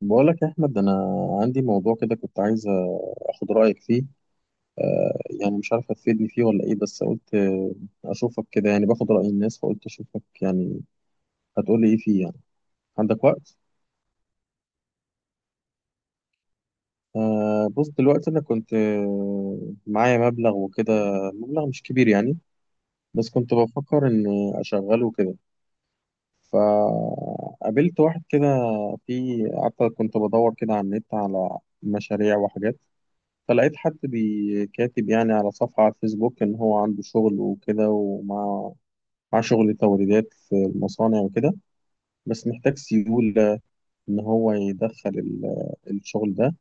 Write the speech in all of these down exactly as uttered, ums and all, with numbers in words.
بقولك يا أحمد، أنا عندي موضوع كده كنت عايز أخد رأيك فيه. آه، يعني مش عارف هتفيدني فيه ولا إيه، بس قلت آه، أشوفك كده، يعني باخد رأي الناس، فقلت أشوفك يعني هتقولي إيه فيه يعني. عندك وقت؟ آه، بص، دلوقتي أنا كنت آه، معايا مبلغ وكده، مبلغ مش كبير يعني، بس كنت بفكر إن أشغله كده. فقابلت واحد كده، في قعدت كنت بدور كده على النت على مشاريع وحاجات، فلقيت حد بيكاتب يعني على صفحة على الفيسبوك إن هو عنده شغل وكده، ومع مع شغل توريدات في المصانع وكده، بس محتاج سيولة إن هو يدخل ال- الشغل ده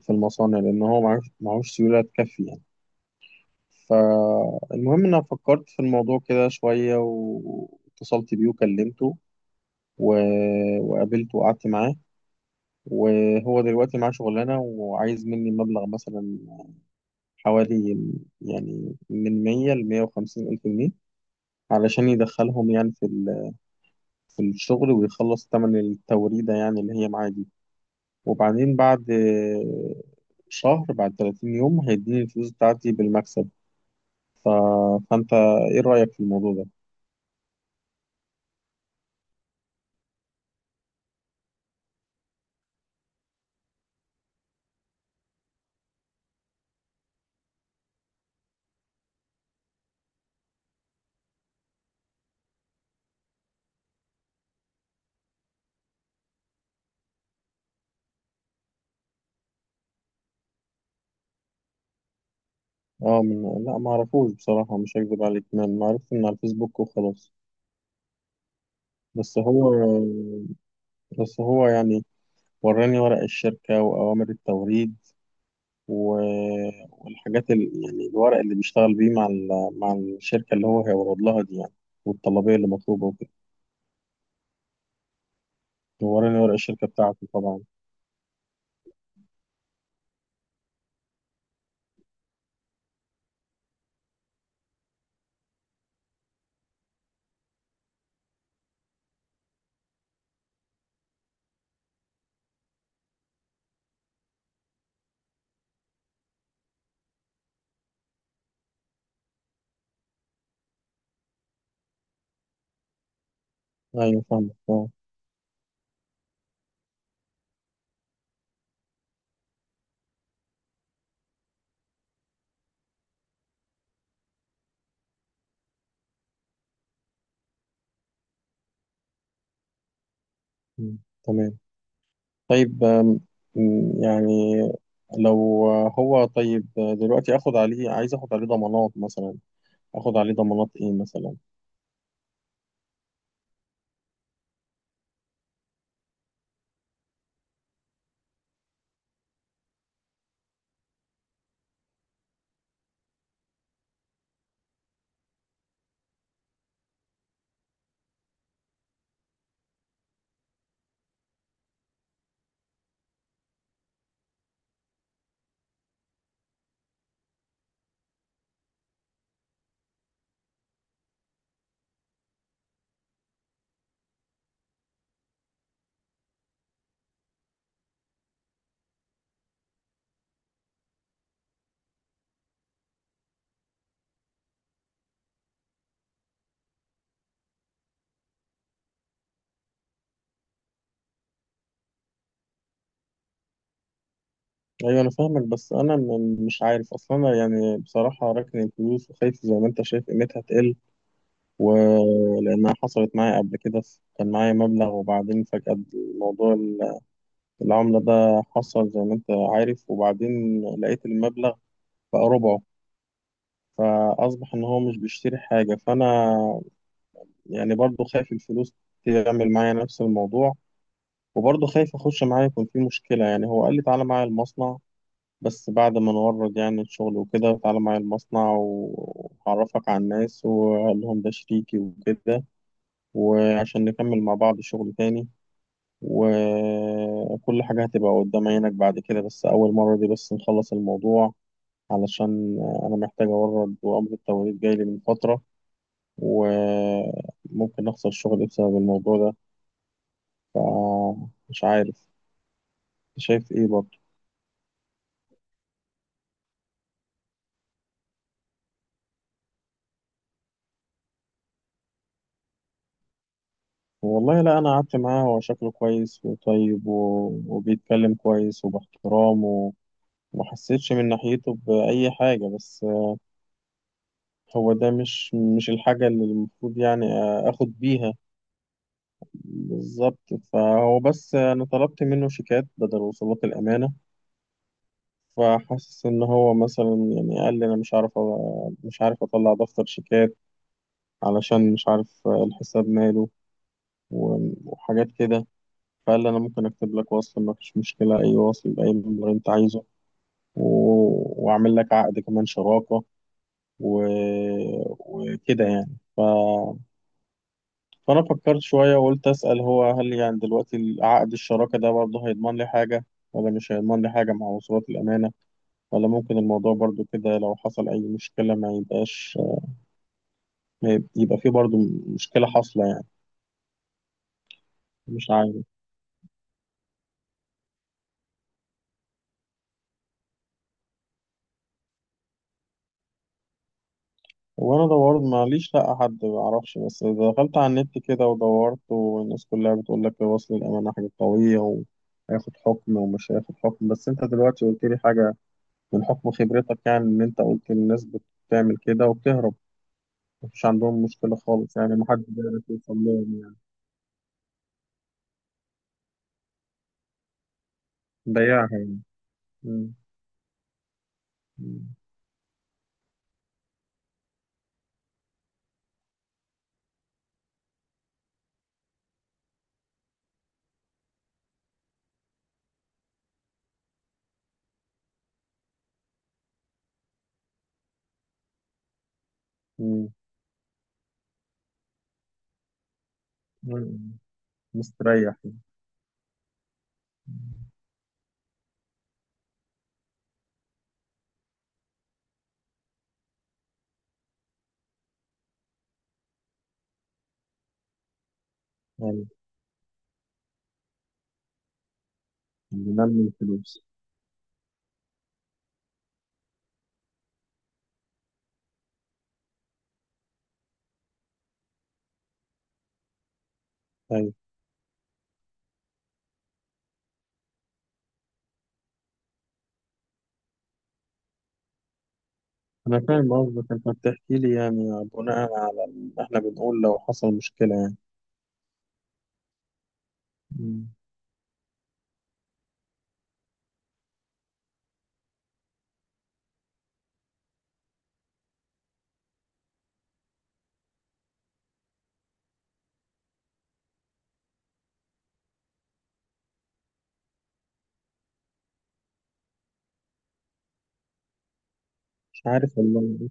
في المصانع، لأن هو معهوش معهوش سيولة تكفي يعني. فالمهم إن أنا فكرت في الموضوع كده شوية واتصلت بيه وكلمته و... وقابلته وقعدت معاه. وهو دلوقتي معاه شغلانة وعايز مني مبلغ مثلا حوالي، يعني من مية ل مية وخمسين ألف جنيه، علشان يدخلهم يعني في ال- في الشغل ويخلص تمن التوريدة يعني، اللي هي معاه دي. وبعدين بعد آه، شهر، بعد ثلاثين يوم، هيديني الفلوس بتاعتي بالمكسب. ف... فأنت إيه رأيك في الموضوع ده؟ اه، من... لا، ما أعرفوش بصراحة، مش هكذب عليك، ما ما عرفت من على الفيسبوك وخلاص. بس هو، بس هو يعني وراني ورق الشركة وأوامر التوريد و- والحاجات ال... يعني الورق اللي بيشتغل بيه مع ال... مع الشركة اللي هو هيورد لها دي يعني، والطلبية اللي مطلوبة وكده. وراني ورق الشركة بتاعته طبعا. أيوة فاهمك، أه. مم. تمام. طيب، آم، مم، يعني لو هو، طيب دلوقتي اخد عليه، عايز اخد عليه ضمانات مثلا، اخد عليه ضمانات ايه مثلا. ايوه انا فاهمك، بس انا م- مش عارف اصلا. انا يعني بصراحه راكن الفلوس وخايف، زي ما انت شايف قيمتها تقل، ولأنها حصلت معايا قبل كده. كان معايا مبلغ وبعدين فجأة الموضوع ال- العملة ده حصل زي ما أنت عارف، وبعدين لقيت المبلغ بقى ربعه، فأصبح إن هو مش بيشتري حاجة. فأنا يعني برضو خايف الفلوس تعمل معايا نفس الموضوع، وبرضو خايف أخش معايا يكون في مشكلة. يعني هو قال لي تعالى معايا المصنع، بس بعد ما نورد يعني الشغل وكده، تعالى معايا المصنع وهعرفك على الناس وأقول لهم ده شريكي وكده، وعشان نكمل مع بعض شغل تاني، وكل حاجة هتبقى قدام عينك بعد كده، بس أول مرة دي بس نخلص الموضوع، علشان أنا محتاج أورد، وأمر التوريد جاي لي من فترة وممكن أخسر شغلي بسبب الموضوع ده. فمش عارف، شايف إيه برضه؟ والله لا، أنا قعدت معاه، هو شكله كويس وطيب و... وبيتكلم كويس وباحترام و... ومحسيتش من ناحيته بأي حاجة. بس هو ده مش مش الحاجة اللي المفروض يعني آخد بيها. بالظبط. فهو، بس أنا طلبت منه شيكات بدل وصولات الأمانة، فحاسس إن هو مثلا، يعني قال لي أنا مش عارف أ- مش عارف أطلع دفتر شيكات، علشان مش عارف الحساب ماله و- وحاجات كده. فقال لي أنا ممكن أكتب لك وصل، ما فيش مشكلة، أي وصل بأي مبلغ أنت عايزه، و- وأعمل لك عقد كمان شراكة و... وكده يعني. فأنا فكرت شوية وقلت أسأل، هو هل يعني دلوقتي عقد الشراكة ده برضه هيضمن لي حاجة ولا مش هيضمن لي حاجة مع وصولات الأمانة؟ ولا ممكن الموضوع برضه كده لو حصل أي مشكلة ما يبقاش، ما يبقى فيه برضه مشكلة حاصلة يعني؟ مش عارف. وأنا دورت، ماليش، لأ، حد معرفش، بس دخلت على النت كده ودورت، والناس كلها بتقول لك وصل الأمانة حاجة قوية و... هياخد حكم ومش هياخد حكم. بس انت دلوقتي قلت لي حاجة من حكم خبرتك يعني، ان انت قلت الناس بتعمل كده وبتهرب، مفيش عندهم مشكلة خالص يعني، محدش بيعرف يوصل لهم يعني، ضيعها يعني. مم. مم. مم. مم. مستريح يعني. أيوة. اللي نمي الفلوس. أيوة، أنا فاهم قصدك، أنت بتحكي لي يعني بناء على اللي إحنا بنقول لو حصل مشكلة يعني. مم. مش عارف والله، بس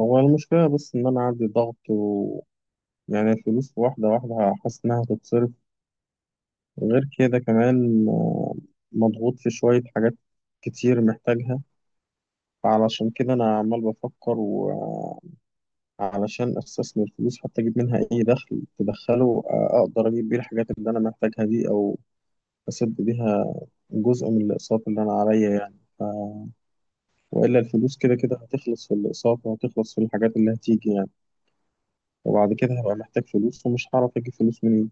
هو المشكلة، بس إن أنا عندي ضغط، و يعني الفلوس واحدة واحدة حاسس إنها هتتصرف. غير كده كمان، آه، مضغوط في شوية حاجات كتير محتاجها. فعلشان كده أنا عمال بفكر، وعلشان أستثمر فلوس حتى أجيب منها أي دخل تدخله، آه، أقدر أجيب بيه الحاجات اللي أنا محتاجها دي، أو أسد بيها جزء من الأقساط اللي أنا عليا يعني. ف... وإلا الفلوس كده كده هتخلص في الأقساط، وهتخلص في الحاجات اللي هتيجي يعني، وبعد كده هبقى محتاج فلوس ومش هعرف أجيب فلوس منين.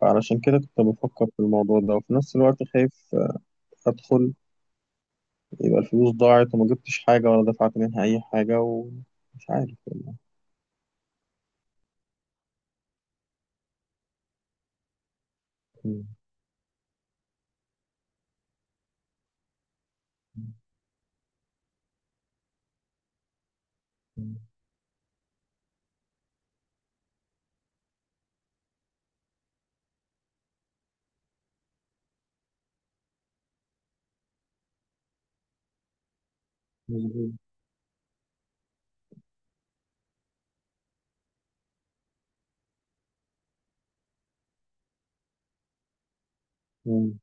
فعلشان كده كنت بفكر في الموضوع ده، وفي نفس الوقت خايف أدخل يبقى الفلوس ضاعت وما جبتش حاجة ولا دفعت منها أي حاجة، ومش عارف. مظبوط. مم.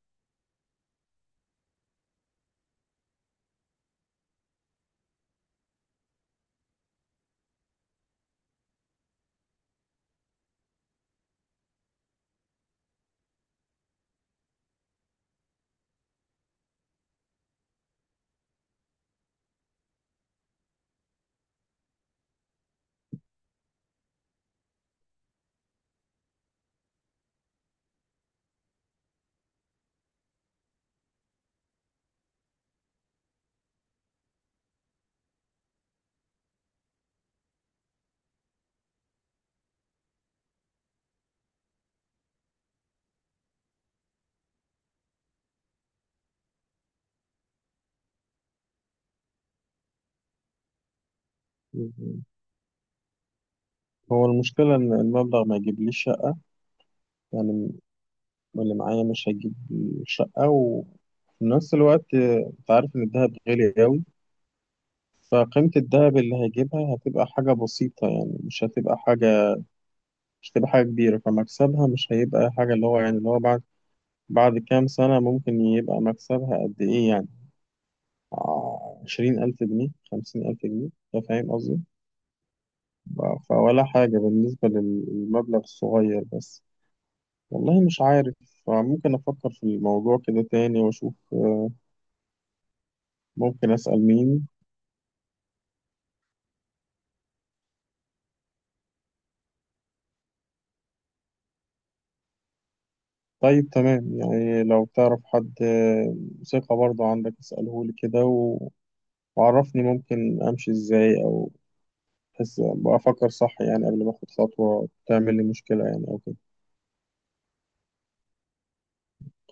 مظبوط. هو المشكلة إن المبلغ ما يجيبليش شقة يعني، اللي معايا مش هيجيب شقة. وفي نفس الوقت، آه، أنت عارف إن الدهب غالي أوي، فقيمة الدهب اللي هيجيبها هتبقى حاجة بسيطة يعني، مش هتبقى حاجة، مش هتبقى حاجة كبيرة، فمكسبها مش هيبقى حاجة، اللي هو يعني، اللي هو بعد بعد كام سنة ممكن يبقى مكسبها قد إيه يعني؟ عشرين ألف جنيه، خمسين ألف جنيه. أنت فاهم قصدي؟ ف- فولا حاجة بالنسبة للمبلغ الصغير بس. والله مش عارف، ممكن أفكر في الموضوع كده تاني وأشوف، آه، ممكن أسأل مين. طيب تمام، يعني لو تعرف حد آه، ثقة برضه عندك اسأله لي كده، و- وعرفني ممكن أمشي إزاي، أو بحس بقى أفكر صح يعني قبل ما أخد خطوة تعمل لي مشكلة يعني أو كده.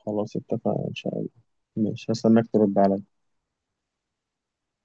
خلاص اتفقنا إن شاء الله. ماشي، هستناك ترد عليا.